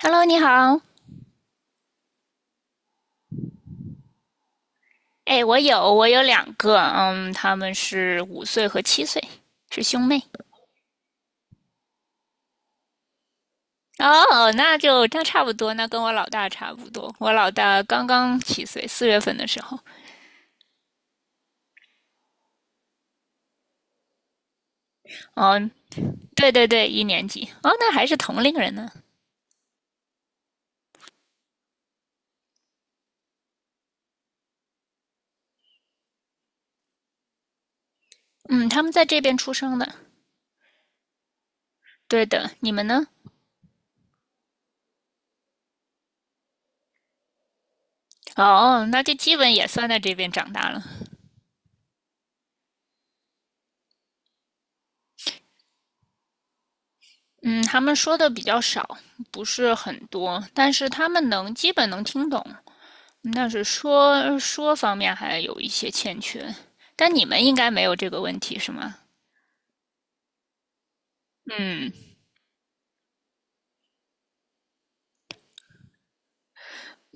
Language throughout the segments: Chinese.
Hello，你好。哎，我有两个，嗯，他们是五岁和七岁，是兄妹。哦，那差不多，那跟我老大差不多。我老大刚刚七岁，四月份的时候。嗯，对对对，一年级。哦，那还是同龄人呢。嗯，他们在这边出生的。对的，你们呢？哦，那就基本也算在这边长大了。嗯，他们说的比较少，不是很多，但是他们能基本能听懂。嗯但是说方面还有一些欠缺，但你们应该没有这个问题是吗？嗯，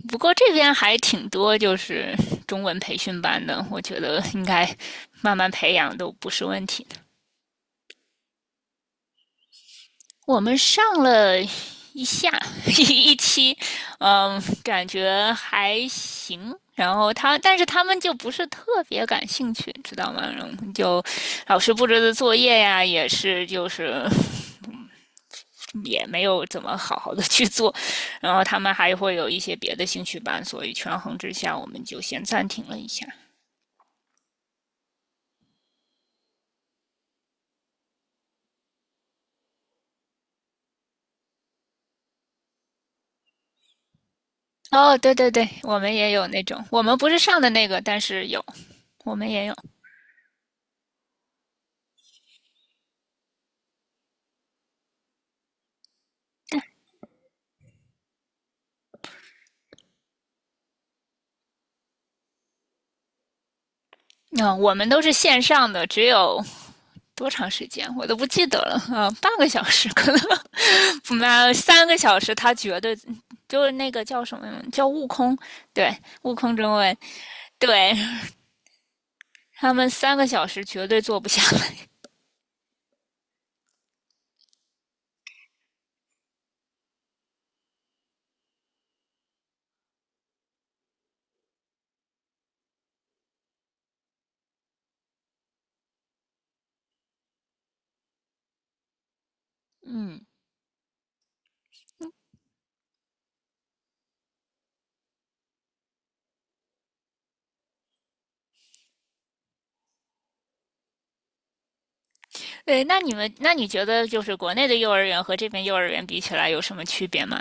不过这边还挺多，就是中文培训班的，我觉得应该慢慢培养都不是问题的。我们上了一下 一期，嗯，感觉还行。然后他，但是他们就不是特别感兴趣，知道吗？然后就老师布置的作业呀，也是就是也没有怎么好好的去做，然后他们还会有一些别的兴趣班，所以权衡之下，我们就先暂停了一下。哦，对对对，我们也有那种，我们不是上的那个，但是有，我们也有。嗯、我们都是线上的，只有多长时间我都不记得了啊、半个小时可能，不三个小时，他绝对就是那个叫什么叫悟空，对，悟空中文，对他们三个小时绝对做不下来。嗯，对，那你们，那你觉得就是国内的幼儿园和这边幼儿园比起来有什么区别吗？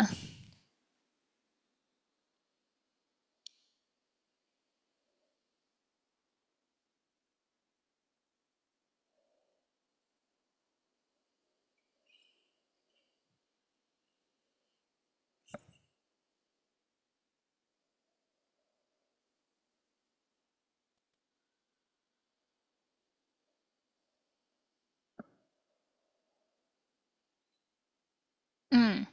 嗯，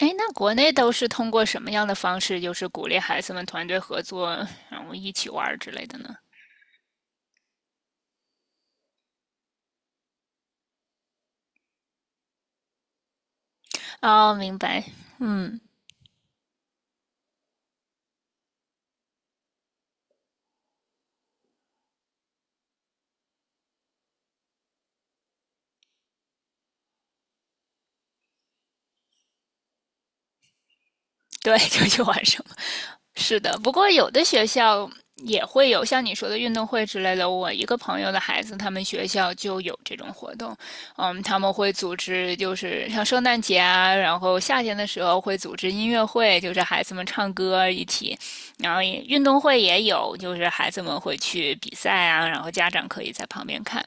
哎，那国内都是通过什么样的方式，就是鼓励孩子们团队合作，然后一起玩儿之类的呢？哦，明白。嗯，对，就去玩什么？是的，不过有的学校也会有像你说的运动会之类的。我一个朋友的孩子，他们学校就有这种活动。嗯，他们会组织，就是像圣诞节啊，然后夏天的时候会组织音乐会，就是孩子们唱歌一起。然后也运动会也有，就是孩子们会去比赛啊，然后家长可以在旁边看。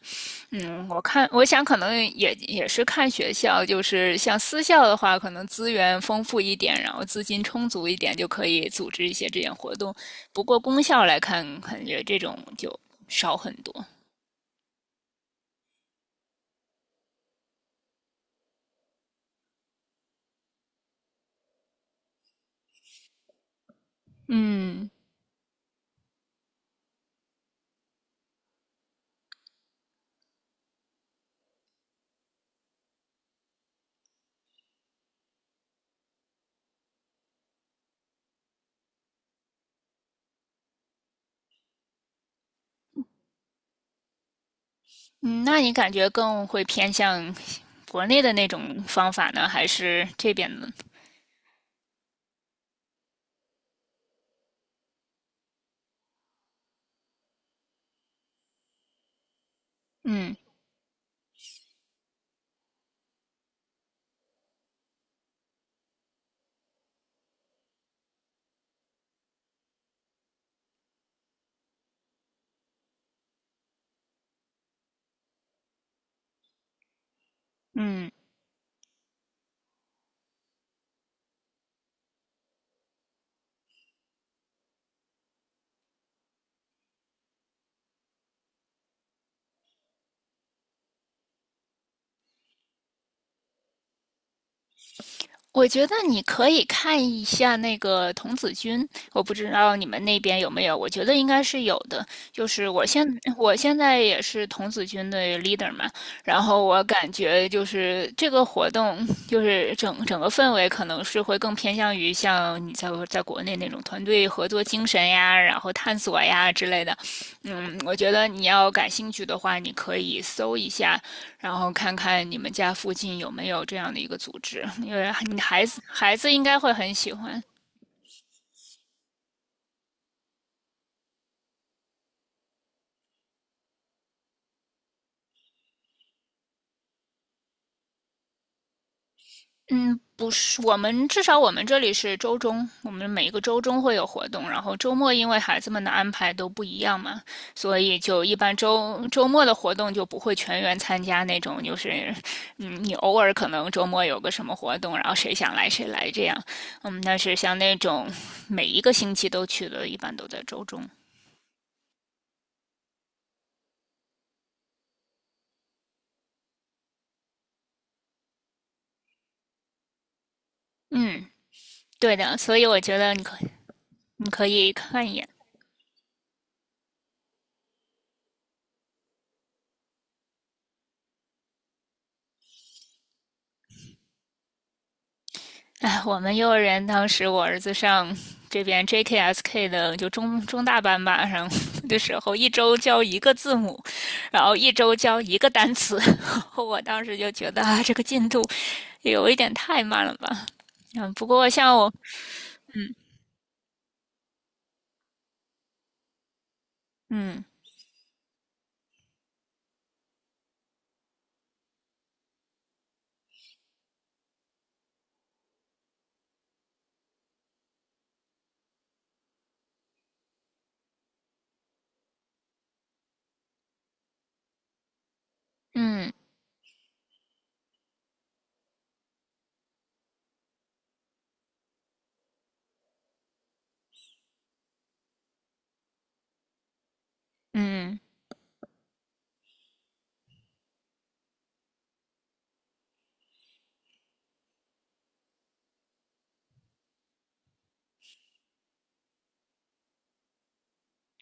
嗯，我看，我想可能也是看学校，就是像私校的话，可能资源丰富一点，然后资金充足一点，就可以组织一些这样活动。不过公校来看，感觉这种就少很多。嗯嗯，那你感觉更会偏向国内的那种方法呢，还是这边的？嗯嗯。我觉得你可以看一下那个童子军，我不知道你们那边有没有，我觉得应该是有的。就是我现我现在也是童子军的 leader 嘛，然后我感觉就是这个活动，就是整个氛围可能是会更偏向于像你在国内那种团队合作精神呀，然后探索呀之类的。嗯，我觉得你要感兴趣的话，你可以搜一下，然后看看你们家附近有没有这样的一个组织，因为你孩子应该会很喜欢。嗯，不是，我们至少我们这里是周中，我们每一个周中会有活动，然后周末因为孩子们的安排都不一样嘛，所以就一般周末的活动就不会全员参加那种，就是嗯，你偶尔可能周末有个什么活动，然后谁想来谁来这样，嗯，但是像那种每一个星期都去的，一般都在周中，嗯，对的，所以我觉得你可以看一眼，哎，我们幼儿园当时我儿子上这边 JKSK 的就中大班吧，上的时候一周教一个字母，然后一周教一个单词，我当时就觉得啊，这个进度有一点太慢了吧。嗯，不过像我，嗯嗯嗯，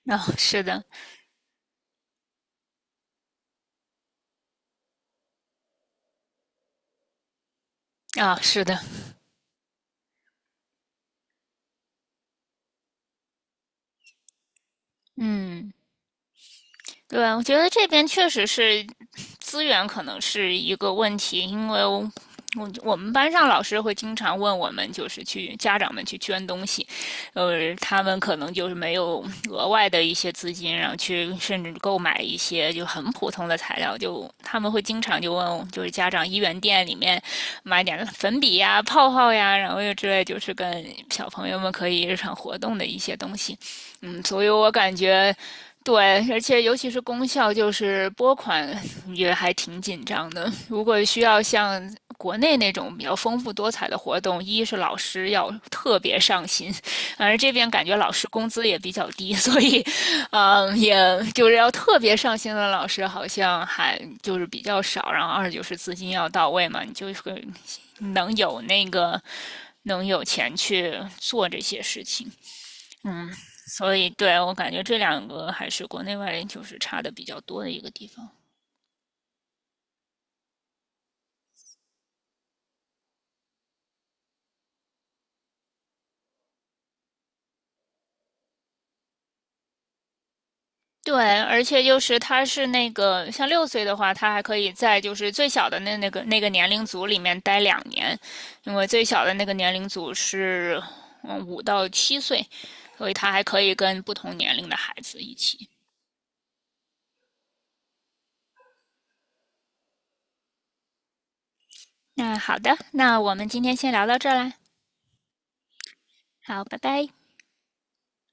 哦，是的，啊、是的，嗯。对，我觉得这边确实是资源可能是一个问题，因为我们班上老师会经常问我们，就是去家长们去捐东西，他们可能就是没有额外的一些资金，然后去甚至购买一些就很普通的材料，就他们会经常就问，就是家长一元店里面买点粉笔呀、泡泡呀，然后又之类，就是跟小朋友们可以日常活动的一些东西。嗯，所以我感觉对，而且尤其是功效，就是拨款也还挺紧张的。如果需要像国内那种比较丰富多彩的活动，一是老师要特别上心，而这边感觉老师工资也比较低，所以，嗯，也就是要特别上心的老师好像还就是比较少。然后二就是资金要到位嘛，你就会能有那个能有钱去做这些事情。嗯，所以对我感觉这两个还是国内外就是差的比较多的一个地方。对，而且就是他是那个像六岁的话，他还可以在就是最小的那个年龄组里面待两年，因为最小的那个年龄组是嗯五到七岁，所以他还可以跟不同年龄的孩子一起。那好的，那我们今天先聊到这儿啦，好，拜拜。